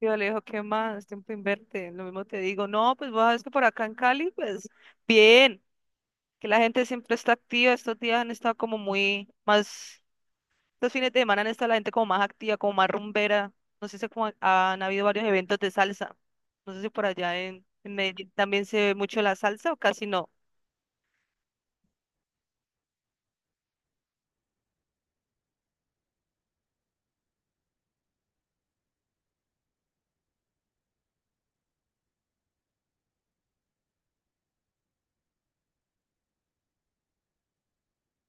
Yo le digo, ¿qué más? Tiempo inverte. Lo mismo te digo. No, pues vos sabes que por acá en Cali, pues bien, que la gente siempre está activa. Estos días han estado como muy más, estos fines de semana han estado la gente como más activa, como más rumbera. No sé si como han habido varios eventos de salsa. No sé si por allá en Medellín también se ve mucho la salsa o casi no.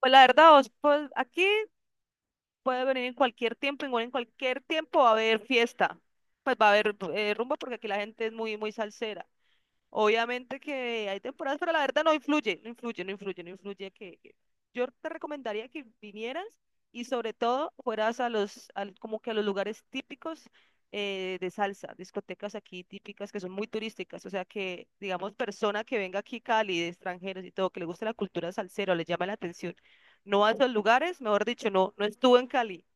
Pues la verdad, vos, pues aquí puede venir en cualquier tiempo, igual en cualquier tiempo va a haber fiesta. Pues va a haber rumba porque aquí la gente es muy salsera. Obviamente que hay temporadas, pero la verdad no influye yo te recomendaría que vinieras y sobre todo fueras a como que a los lugares típicos de salsa, discotecas aquí típicas que son muy turísticas, o sea que, digamos, persona que venga aquí Cali, de extranjeros y todo, que le guste la cultura salsera o le llama la atención, no a esos lugares, mejor dicho, no, no estuvo en Cali.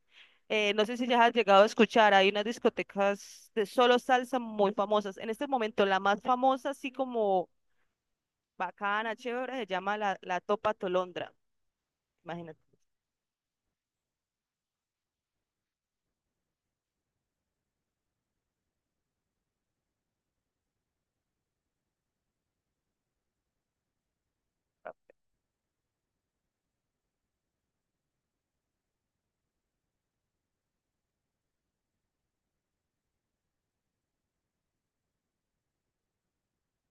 No sé si ya has llegado a escuchar, hay unas discotecas de solo salsa muy famosas. En este momento, la más famosa, así como bacana, chévere, se llama la Topa Tolondra. Imagínate.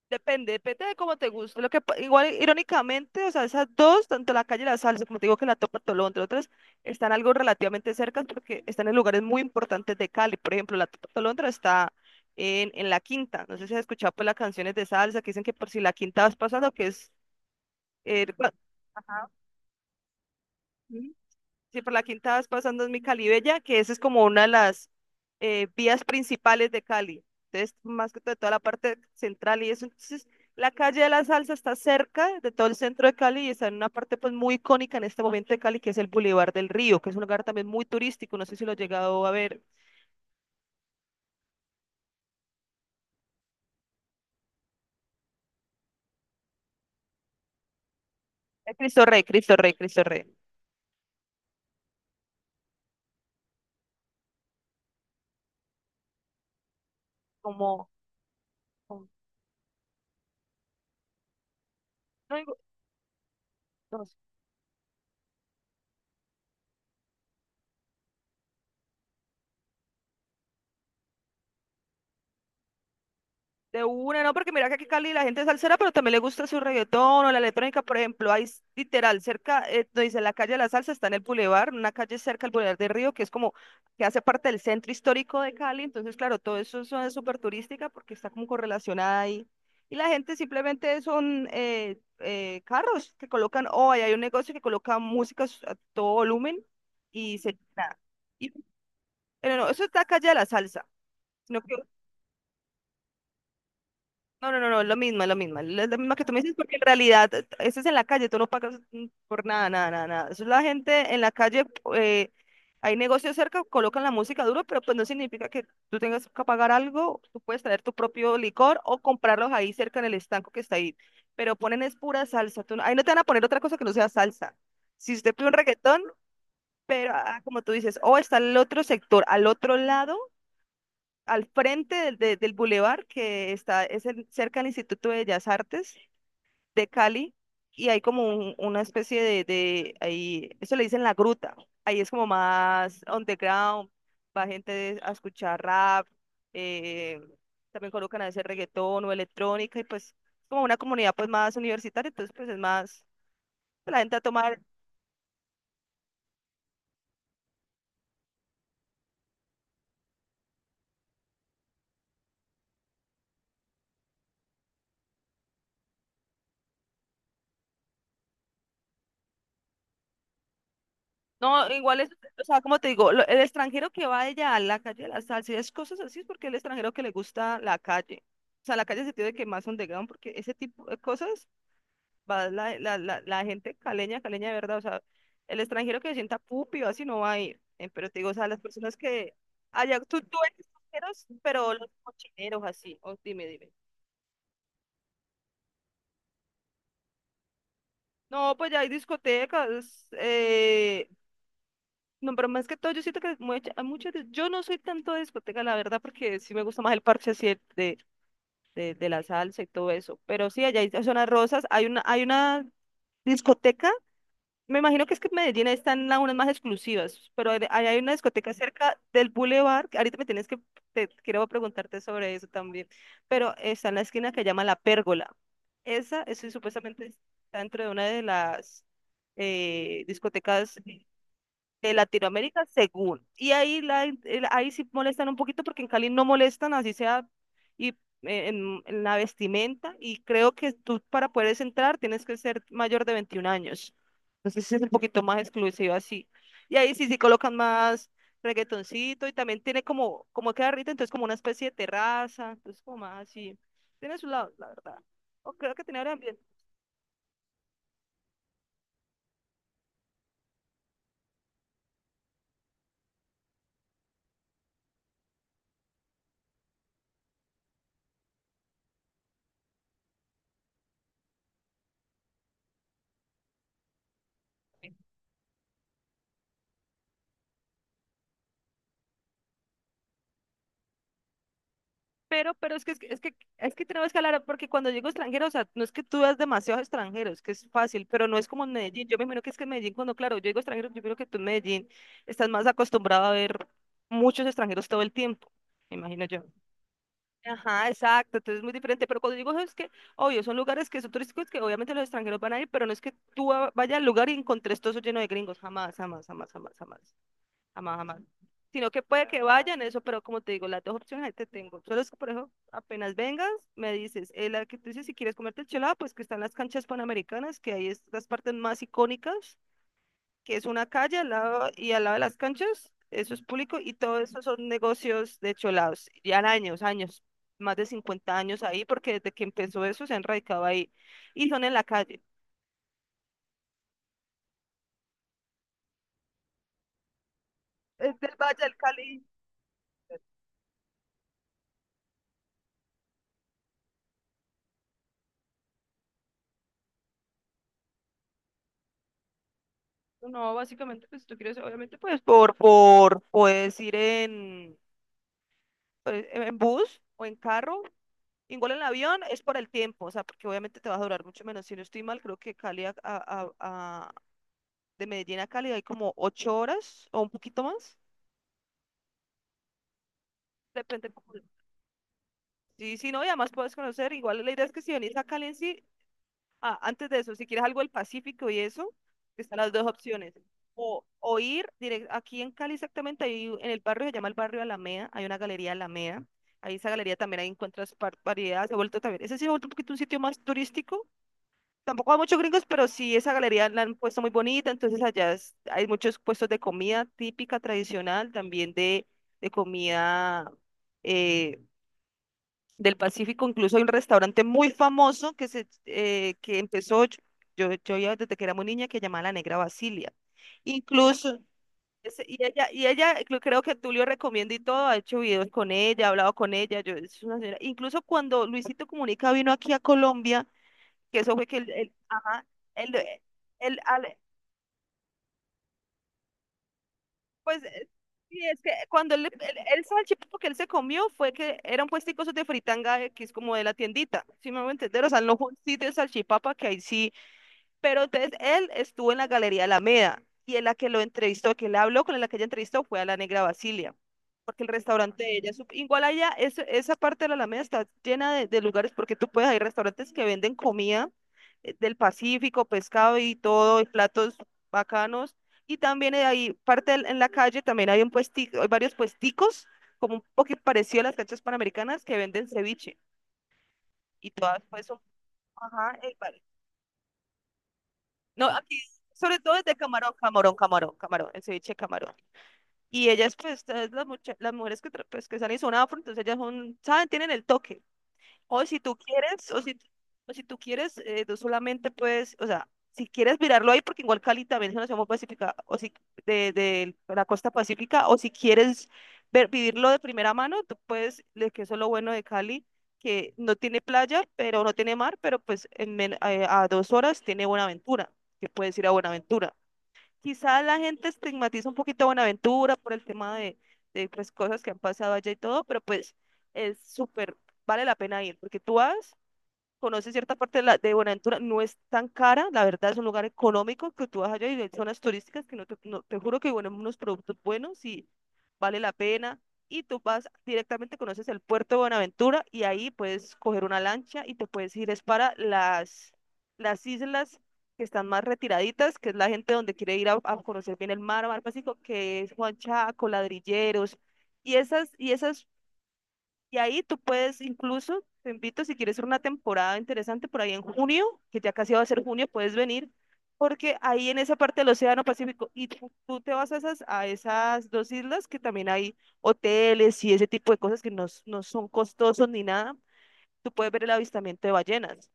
Depende, depende de cómo te guste. Lo que, pa- igual, irónicamente, o sea, esas dos, tanto la calle La Salsa, como te digo que la Topa Tolondra, otras están algo relativamente cerca porque están en lugares muy importantes de Cali. Por ejemplo, la Topa Tolondra está en La Quinta. No sé si has escuchado pues, las canciones de salsa que dicen que por si La Quinta vas pasando, que es... eh, cua- Ajá. Sí, por la quinta vas pasando en mi Calibella, que esa es como una de las vías principales de Cali. Entonces, más que todo, toda la parte central y eso. Entonces, la calle de la Salsa está cerca de todo el centro de Cali y está en una parte pues muy icónica en este momento de Cali, que es el Boulevard del Río, que es un lugar también muy turístico. No sé si lo he llegado a ver. Cristo Rey, Cristo Rey, Cristo Rey. Como, como- no digo- no sé. De una, no, porque mira que aquí en Cali la gente es salsera, pero también le gusta su reggaetón o la electrónica, por ejemplo, hay s- literal cerca, no dice la calle de la salsa, está en el bulevar, una calle cerca del bulevar de Río, que es como, que hace parte del centro histórico de Cali, entonces claro, todo eso es súper turística porque está como correlacionada ahí, y la gente simplemente son carros que colocan, o ahí hay un negocio que coloca música a todo volumen, y se, nada, y, pero no, eso está calle de la salsa, sino que No, es lo mismo, es lo mismo. Es lo mismo que tú me dices, porque en realidad eso es en la calle, tú no pagas por nada. Eso es la gente en la calle, eh, hay negocios cerca, colocan la música duro, pero pues no significa que tú tengas que pagar algo, tú puedes traer tu propio licor o comprarlos ahí cerca en el estanco que está ahí. Pero ponen es pura salsa, tú no- ahí no te van a poner otra cosa que no sea salsa. Si usted pide un reggaetón, pero como tú dices, o está el otro sector, al otro lado al frente del bulevar que está es el- cerca del Instituto de Bellas Artes de Cali y hay como un- una especie de ahí, eso le dicen la gruta. Ahí es como más underground, va gente a escuchar rap, eh, también colocan a veces reggaetón o electrónica y pues como una comunidad pues más universitaria, entonces pues es más, pues, la gente a tomar No, igual es, o sea, como te digo, lo- el extranjero que va allá a la calle de la salsa y es cosas así, es porque el extranjero que le gusta la calle. O sea, la calle se tiene que más underground, porque ese tipo de cosas va la gente caleña, caleña de verdad. O sea, el extranjero que se sienta pupi o así no va a ir. Pero te digo, o sea, las personas que allá, tú eres extranjeros, pero los cochineros así. O dime, dime. No, pues ya hay discotecas, no, pero más que todo, yo siento que mucha- hay muchas, de- yo no soy tanto de discoteca, la verdad, porque sí me gusta más el parche así de la salsa y todo eso. Pero sí, allá hay zonas rosas, hay una discoteca, me imagino que es que en Medellín están las unas más exclusivas, pero hay hay una discoteca cerca del Boulevard, que ahorita me tienes que, te, quiero preguntarte sobre eso también, pero está en la esquina que llama La Pérgola. Esa, eso supuestamente está dentro de una de las discotecas de Latinoamérica según. Y ahí, la, en- el- ahí sí molestan un poquito porque en Cali no molestan, así sea, y en la vestimenta. Y creo que tú para poder entrar tienes que ser mayor de 21 años. Entonces es un poquito más exclusivo así. Y ahí sí, sí colocan más reggaetoncito y también tiene como, como queda rico, entonces como una especie de terraza, entonces como más así. Tiene su lado, la verdad. O creo que tiene ahora es que tenemos que hablar, porque cuando digo extranjero, o sea, no es que tú veas demasiados extranjeros, que es fácil, pero no es como en Medellín. Yo me imagino que es que en Medellín, cuando, claro, yo digo extranjero, yo creo que tú en Medellín estás más acostumbrado a ver muchos extranjeros todo el tiempo, me imagino yo. Ajá, exacto, entonces es muy diferente, pero cuando digo eso es que, obvio, son lugares que son turísticos que obviamente los extranjeros van a ir, pero no es que tú va- vayas al lugar y encontres todo eso lleno de gringos, jamás. Sino que puede que vayan eso, pero como te digo, las dos opciones ahí te tengo. Solo es que, por eso, apenas vengas, me dices, la que tú dices, si quieres comerte el chelado, pues que están las canchas panamericanas, que ahí es las partes más icónicas, que es una calle al lado y al lado de las canchas, eso es público y todo eso son negocios de cholados. Ya años, más de 50 años ahí, porque desde que empezó eso se han radicado ahí y son en la calle. Es del Valle del Cali. No, básicamente, pues si tú quieres, obviamente, pues puedes ir en bus o en carro, igual en avión, es por el tiempo, o sea, porque obviamente te va a durar mucho menos. Si no estoy mal, creo que Cali de Medellín a Cali hay como 8 horas o un poquito más, depende. Un sí, sí, no, y además puedes conocer, igual la idea es que si venís a Cali en sí, ah, antes de eso, si quieres algo del Pacífico y eso, están las dos opciones. O ir directo, aquí en Cali exactamente, hay, un- en el barrio se llama el barrio Alameda, hay una galería Alameda. Ahí esa galería también ahí encuentras par- variedades, se ha vuelto también. Ese sí se ha vuelto un poquito un sitio más turístico. Tampoco hay muchos gringos, pero sí esa galería la han puesto muy bonita, entonces allá es- hay muchos puestos de comida típica, tradicional, también de comida, eh, del Pacífico. Incluso hay un restaurante muy famoso que, se, que empezó, yo ya desde que era muy niña, que llamaba La Negra Basilia. Incluso, ese- y ella, cre- creo que Tulio recomienda y todo, ha hecho videos con ella, ha hablado con ella. Yo, es una señora- Incluso cuando Luisito Comunica vino aquí a Colombia, que eso fue que ajá, el, el, pues sí, es que cuando él salchipapa que él se comió fue que era un puestico esos de fritanga X como de la tiendita, si me voy a entender, o sea, no fue un sitio de salchipapa que ahí sí pero entonces él estuvo en la Galería Alameda y en la que lo entrevistó, que le habló con la que ella entrevistó fue a la Negra Basilia, porque el restaurante de ella, sup- igual allá, es- esa parte de la Alameda está llena de lugares porque tú puedes, hay restaurantes que venden comida del Pacífico, pescado y todo, y platos bacanos. Y también hay parte del- en la calle, también hay un puestico, hay varios puesticos, como un poquito parecido a las canchas panamericanas, que venden ceviche. Y todas pues son, ajá, no, aquí, sobre todo es de camarón, el ceviche de camarón. Y ellas, pues, todas las, mucha- las mujeres que, tra- pues, que salen son afro, entonces ellas son, saben, tienen el toque. O si tú quieres, o si, o si tú quieres, tú solamente puedes, o sea, si quieres mirarlo ahí, porque igual Cali también es una ciudad muy pacífica, o si de la costa pacífica, o si quieres ver, vivirlo de primera mano, tú puedes, le- que eso es lo bueno de Cali, que no tiene playa, pero no tiene mar, pero pues en men- a 2 horas tiene Buenaventura, que puedes ir a Buenaventura. Quizá la gente estigmatiza un poquito a Buenaventura por el tema de pues, cosas que han pasado allá y todo, pero pues es súper, vale la pena ir, porque tú vas conoce cierta parte de Buenaventura, no es tan cara, la verdad es un lugar económico que tú vas allá y hay zonas turísticas que no te, no- te juro que bueno, unos productos buenos y vale la pena. Y tú vas directamente, conoces el puerto de Buenaventura y ahí puedes coger una lancha y te puedes ir es para las islas que están más retiraditas, que es la gente donde quiere ir a conocer bien el mar, mar Pacífico, que es Juan Chaco, Ladrilleros. Y esas y ahí tú puedes incluso, te invito si quieres hacer una temporada interesante por ahí en junio, que ya casi va a ser junio, puedes venir, porque ahí en esa parte del Océano Pacífico, y tú te vas a a esas dos islas que también hay hoteles y ese tipo de cosas que no, s- no son costosos ni nada, tú puedes ver el avistamiento de ballenas.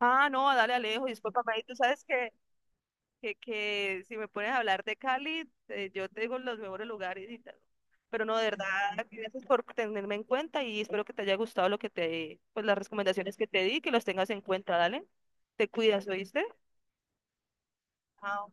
Ah, no, dale Alejo, y después papá, y tú sabes que que si me pones a hablar de Cali, yo te digo los mejores lugares y tal. Pero no, de verdad, gracias por tenerme en cuenta y espero que te haya gustado lo que te, pues las recomendaciones que te di, que los tengas en cuenta, dale. Te cuidas, ¿oíste? Ah,